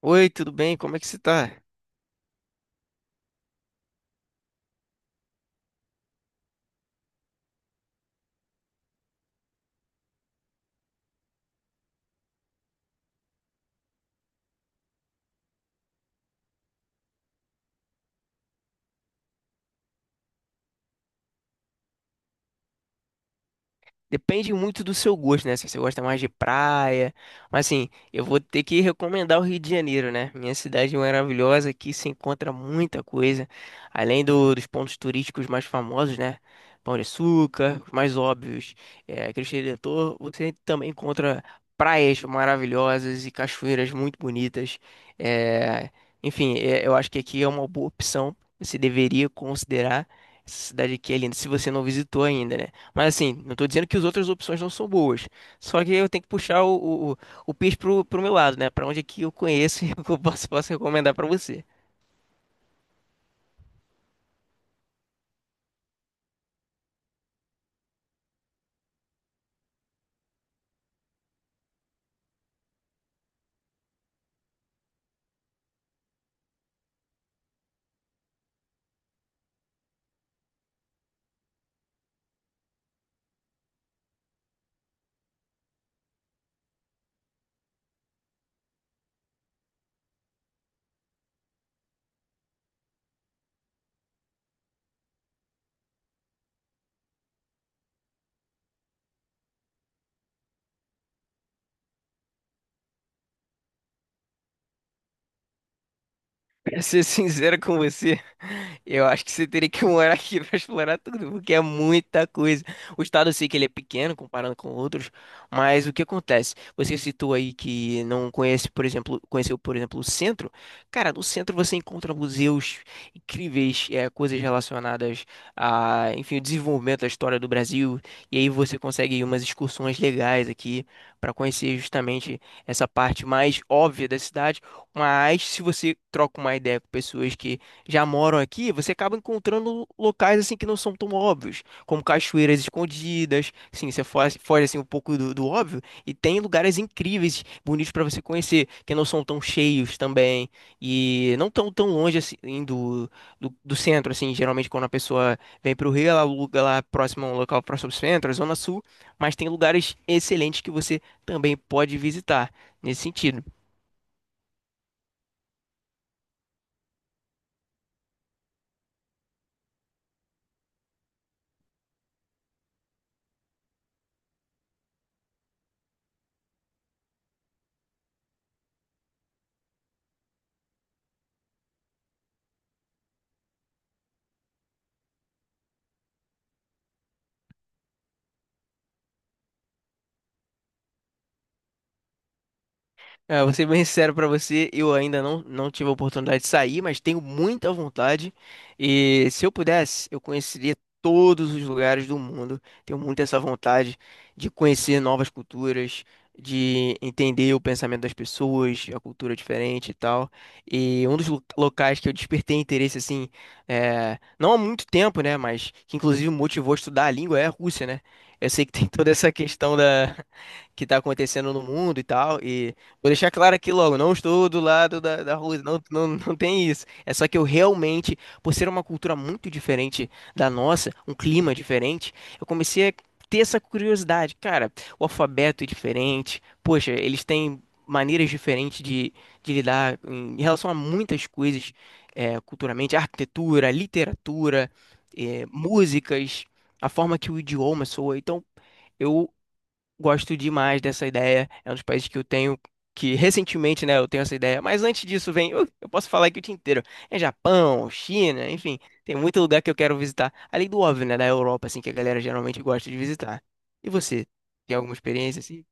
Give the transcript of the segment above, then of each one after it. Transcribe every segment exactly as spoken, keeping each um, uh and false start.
Oi, tudo bem? Como é que você tá? Depende muito do seu gosto, né? Se você gosta mais de praia. Mas assim, eu vou ter que recomendar o Rio de Janeiro, né? Minha cidade maravilhosa, aqui se encontra muita coisa. Além do- dos pontos turísticos mais famosos, né? Pão de Açúcar, os mais óbvios, é, Cristo Redentor. Você também encontra praias maravilhosas e cachoeiras muito bonitas. É, enfim, é, eu acho que aqui é uma boa opção. Você deveria considerar essa cidade aqui é linda, se você não visitou ainda, né? Mas assim, não tô dizendo que as outras opções não são boas. Só que eu tenho que puxar o o o o peixe pro pro meu lado, né? Pra onde é que que eu eu conheço e o que eu posso posso recomendar pra você. Pra ser sincero com você, eu acho que você teria que morar aqui pra explorar tudo, porque é muita coisa. O estado eu sei que ele é pequeno comparando com outros, mas o que acontece? Você citou aí que não conhece, por exemplo, conheceu, por exemplo, o centro. Cara, no centro você encontra museus incríveis, é, coisas relacionadas a, enfim, o desenvolvimento da história do Brasil, e aí você consegue umas excursões legais aqui para conhecer justamente essa parte mais óbvia da cidade, mas se você troca uma ideia com pessoas que já moram aqui, você acaba encontrando locais assim que não são tão óbvios, como cachoeiras escondidas. Sim, você foge, foge assim um pouco do, do óbvio e tem lugares incríveis, bonitos para você conhecer, que não são tão cheios também e não tão tão longe assim do, do, do centro assim. Geralmente quando a pessoa vem para o Rio, ela aluga lá próximo a um local próximo ao centro, a Zona Sul, mas tem lugares excelentes que você também pode visitar nesse sentido. É, vou ser bem sincero pra você, eu ainda não, não tive a oportunidade de sair, mas tenho muita vontade. E se eu pudesse, eu conheceria todos os lugares do mundo. Tenho muito essa vontade de conhecer novas culturas, de entender o pensamento das pessoas, a cultura diferente e tal. E um dos lo- locais que eu despertei interesse, assim, é, não há muito tempo, né, mas que inclusive me motivou a estudar a língua é a Rússia, né? Eu sei que tem toda essa questão da, que está acontecendo no mundo e tal. Vou deixar claro aqui logo, não estou do lado da, da Rússia, não, não, não tem isso. É só que eu realmente, por ser uma cultura muito diferente da nossa, um clima diferente, eu comecei a ter essa curiosidade. Cara, o alfabeto é diferente, poxa, eles têm maneiras diferentes de, de lidar em, em relação a muitas coisas, é, culturalmente, arquitetura, literatura, é, músicas, a forma que o idioma soa. Então, eu gosto demais dessa ideia. É um dos países que eu tenho, que recentemente, né, eu tenho essa ideia. Mas antes disso, vem, eu eu posso falar aqui o dia inteiro. É Japão, China, enfim, tem muito lugar que eu quero visitar. Além do óbvio, né, da Europa, assim, que a galera geralmente gosta de visitar. E você, tem alguma experiência assim?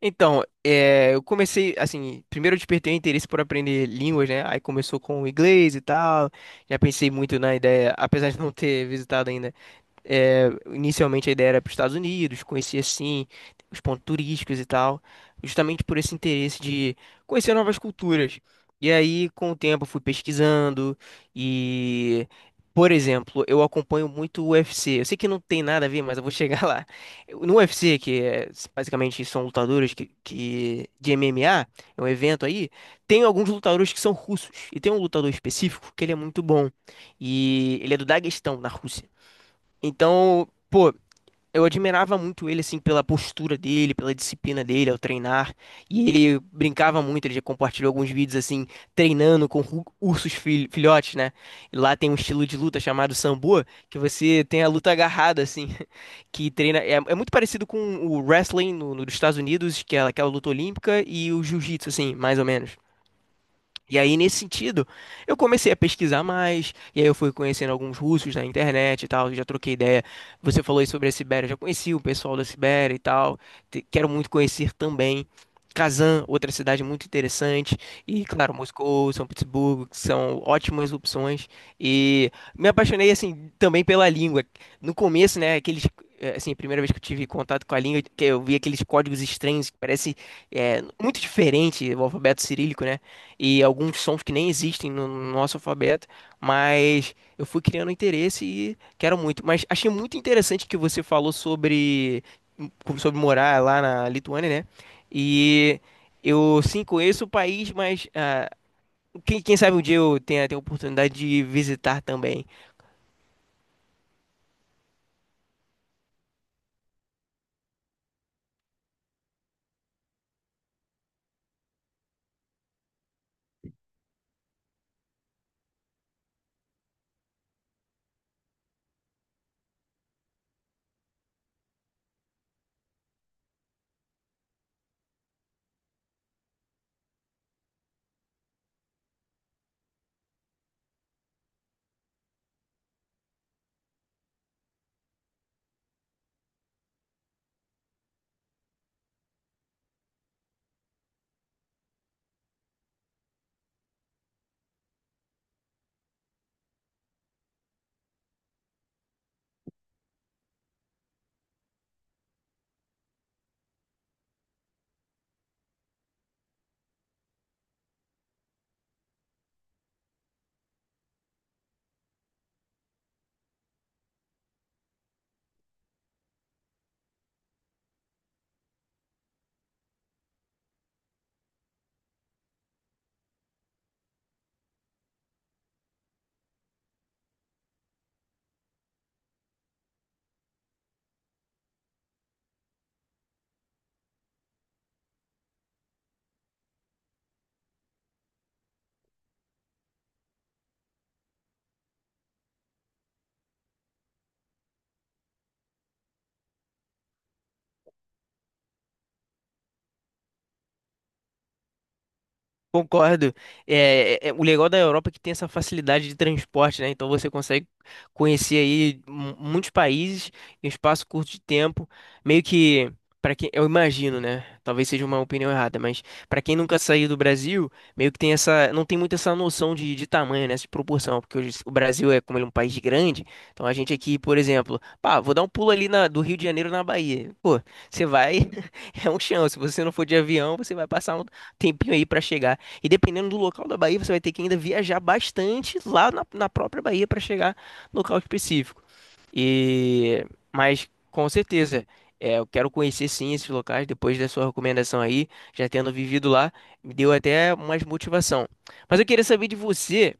Então, é, eu comecei, assim, primeiro eu despertei o interesse por aprender línguas, né? Aí começou com o inglês e tal. Já pensei muito na ideia, apesar de não ter visitado ainda. É, inicialmente a ideia era para os Estados Unidos, conhecer assim os pontos turísticos e tal, justamente por esse interesse de conhecer novas culturas. E aí, com o tempo, eu fui pesquisando e, por exemplo, eu acompanho muito o U F C. Eu sei que não tem nada a ver, mas eu vou chegar lá. Eu- No U F C, que é, basicamente são lutadores que, que- de M M A, é um evento aí, tem alguns lutadores que são russos. E tem um lutador específico que ele é muito bom. E ele é do Daguestão, na Rússia. Então, pô, eu admirava muito ele, assim, pela postura dele, pela disciplina dele ao treinar. E ele brincava muito, ele já compartilhou alguns vídeos, assim, treinando com ru- ursos fil- filhotes, né? E lá tem um estilo de luta chamado Sambo, que você tem a luta agarrada, assim, que treina. É, é muito parecido com o wrestling no, no- dos Estados Unidos, que é aquela luta olímpica, e o jiu-jitsu, assim, mais ou menos. E aí, nesse sentido, eu comecei a pesquisar mais, e aí eu fui conhecendo alguns russos na internet e tal, já troquei ideia. Você falou aí sobre a Sibéria, eu já conheci o pessoal da Sibéria e tal, te- quero muito conhecer também. Kazan, outra cidade muito interessante, e claro, Moscou, São Petersburgo, que são ótimas opções. E me apaixonei, assim, também pela língua. No começo, né, aqueles, eh, assim, a primeira vez que eu tive contato com a língua, que eu vi aqueles códigos estranhos, que parece, eh, muito diferente o alfabeto cirílico, né? E alguns sons que nem existem no no nosso alfabeto, mas eu fui criando interesse e quero muito. Mas achei muito interessante que você falou sobre sobre morar lá na Lituânia, né? E eu sim conheço o país, mas ah, quem, quem sabe um dia eu tenha, tenha a oportunidade de visitar também. Concordo. É, é- é- o legal da Europa é que tem essa facilidade de transporte, né? Então você consegue conhecer aí mu- muitos países em um espaço curto de tempo. Meio que, para quem, eu imagino, né? Talvez seja uma opinião errada, mas para quem nunca saiu do Brasil, meio que tem essa, não tem muito essa noção de, de tamanho, né? De proporção, porque hoje o Brasil é como ele é um país grande. Então a gente aqui, por exemplo, pá, vou dar um pulo ali na- do Rio de Janeiro na Bahia. Pô, você vai, é um chão. Se você não for de avião, você vai passar um tempinho aí para chegar. E dependendo do local da Bahia, você vai ter que ainda viajar bastante lá na, na própria Bahia para chegar no local específico. E mas com certeza, é, eu quero conhecer sim esses locais depois da sua recomendação aí, já tendo vivido lá, me deu até mais motivação. Mas eu queria saber de você,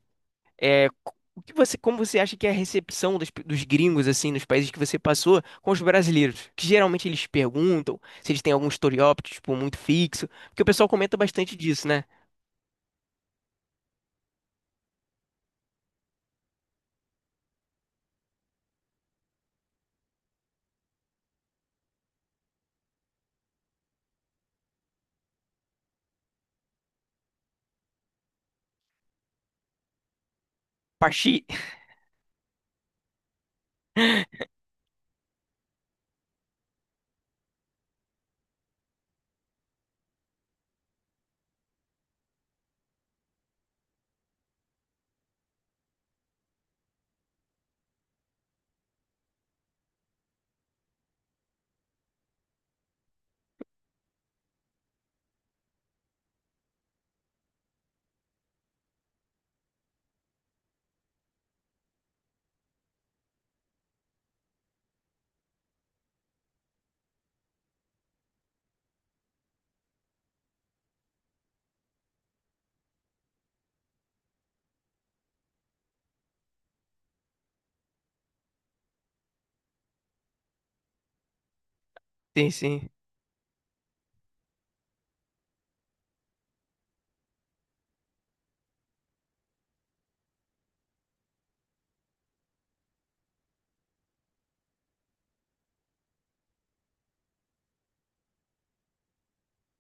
o que você, como você acha que é a recepção dos, dos gringos assim nos países que você passou com os brasileiros? Que geralmente eles perguntam se eles têm algum estereótipo tipo, muito fixo, porque o pessoal comenta bastante disso, né? Paxi. Sim, sim.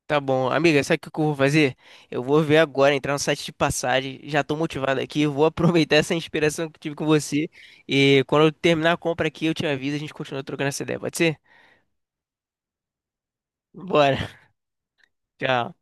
Tá bom. Amiga, sabe o que que eu vou fazer? Eu vou ver agora, entrar no site de passagem. Já tô motivado aqui. Vou aproveitar essa inspiração que eu tive com você. E quando eu terminar a compra aqui, eu te aviso. A gente continua trocando essa ideia. Pode ser? Bora. Tchau.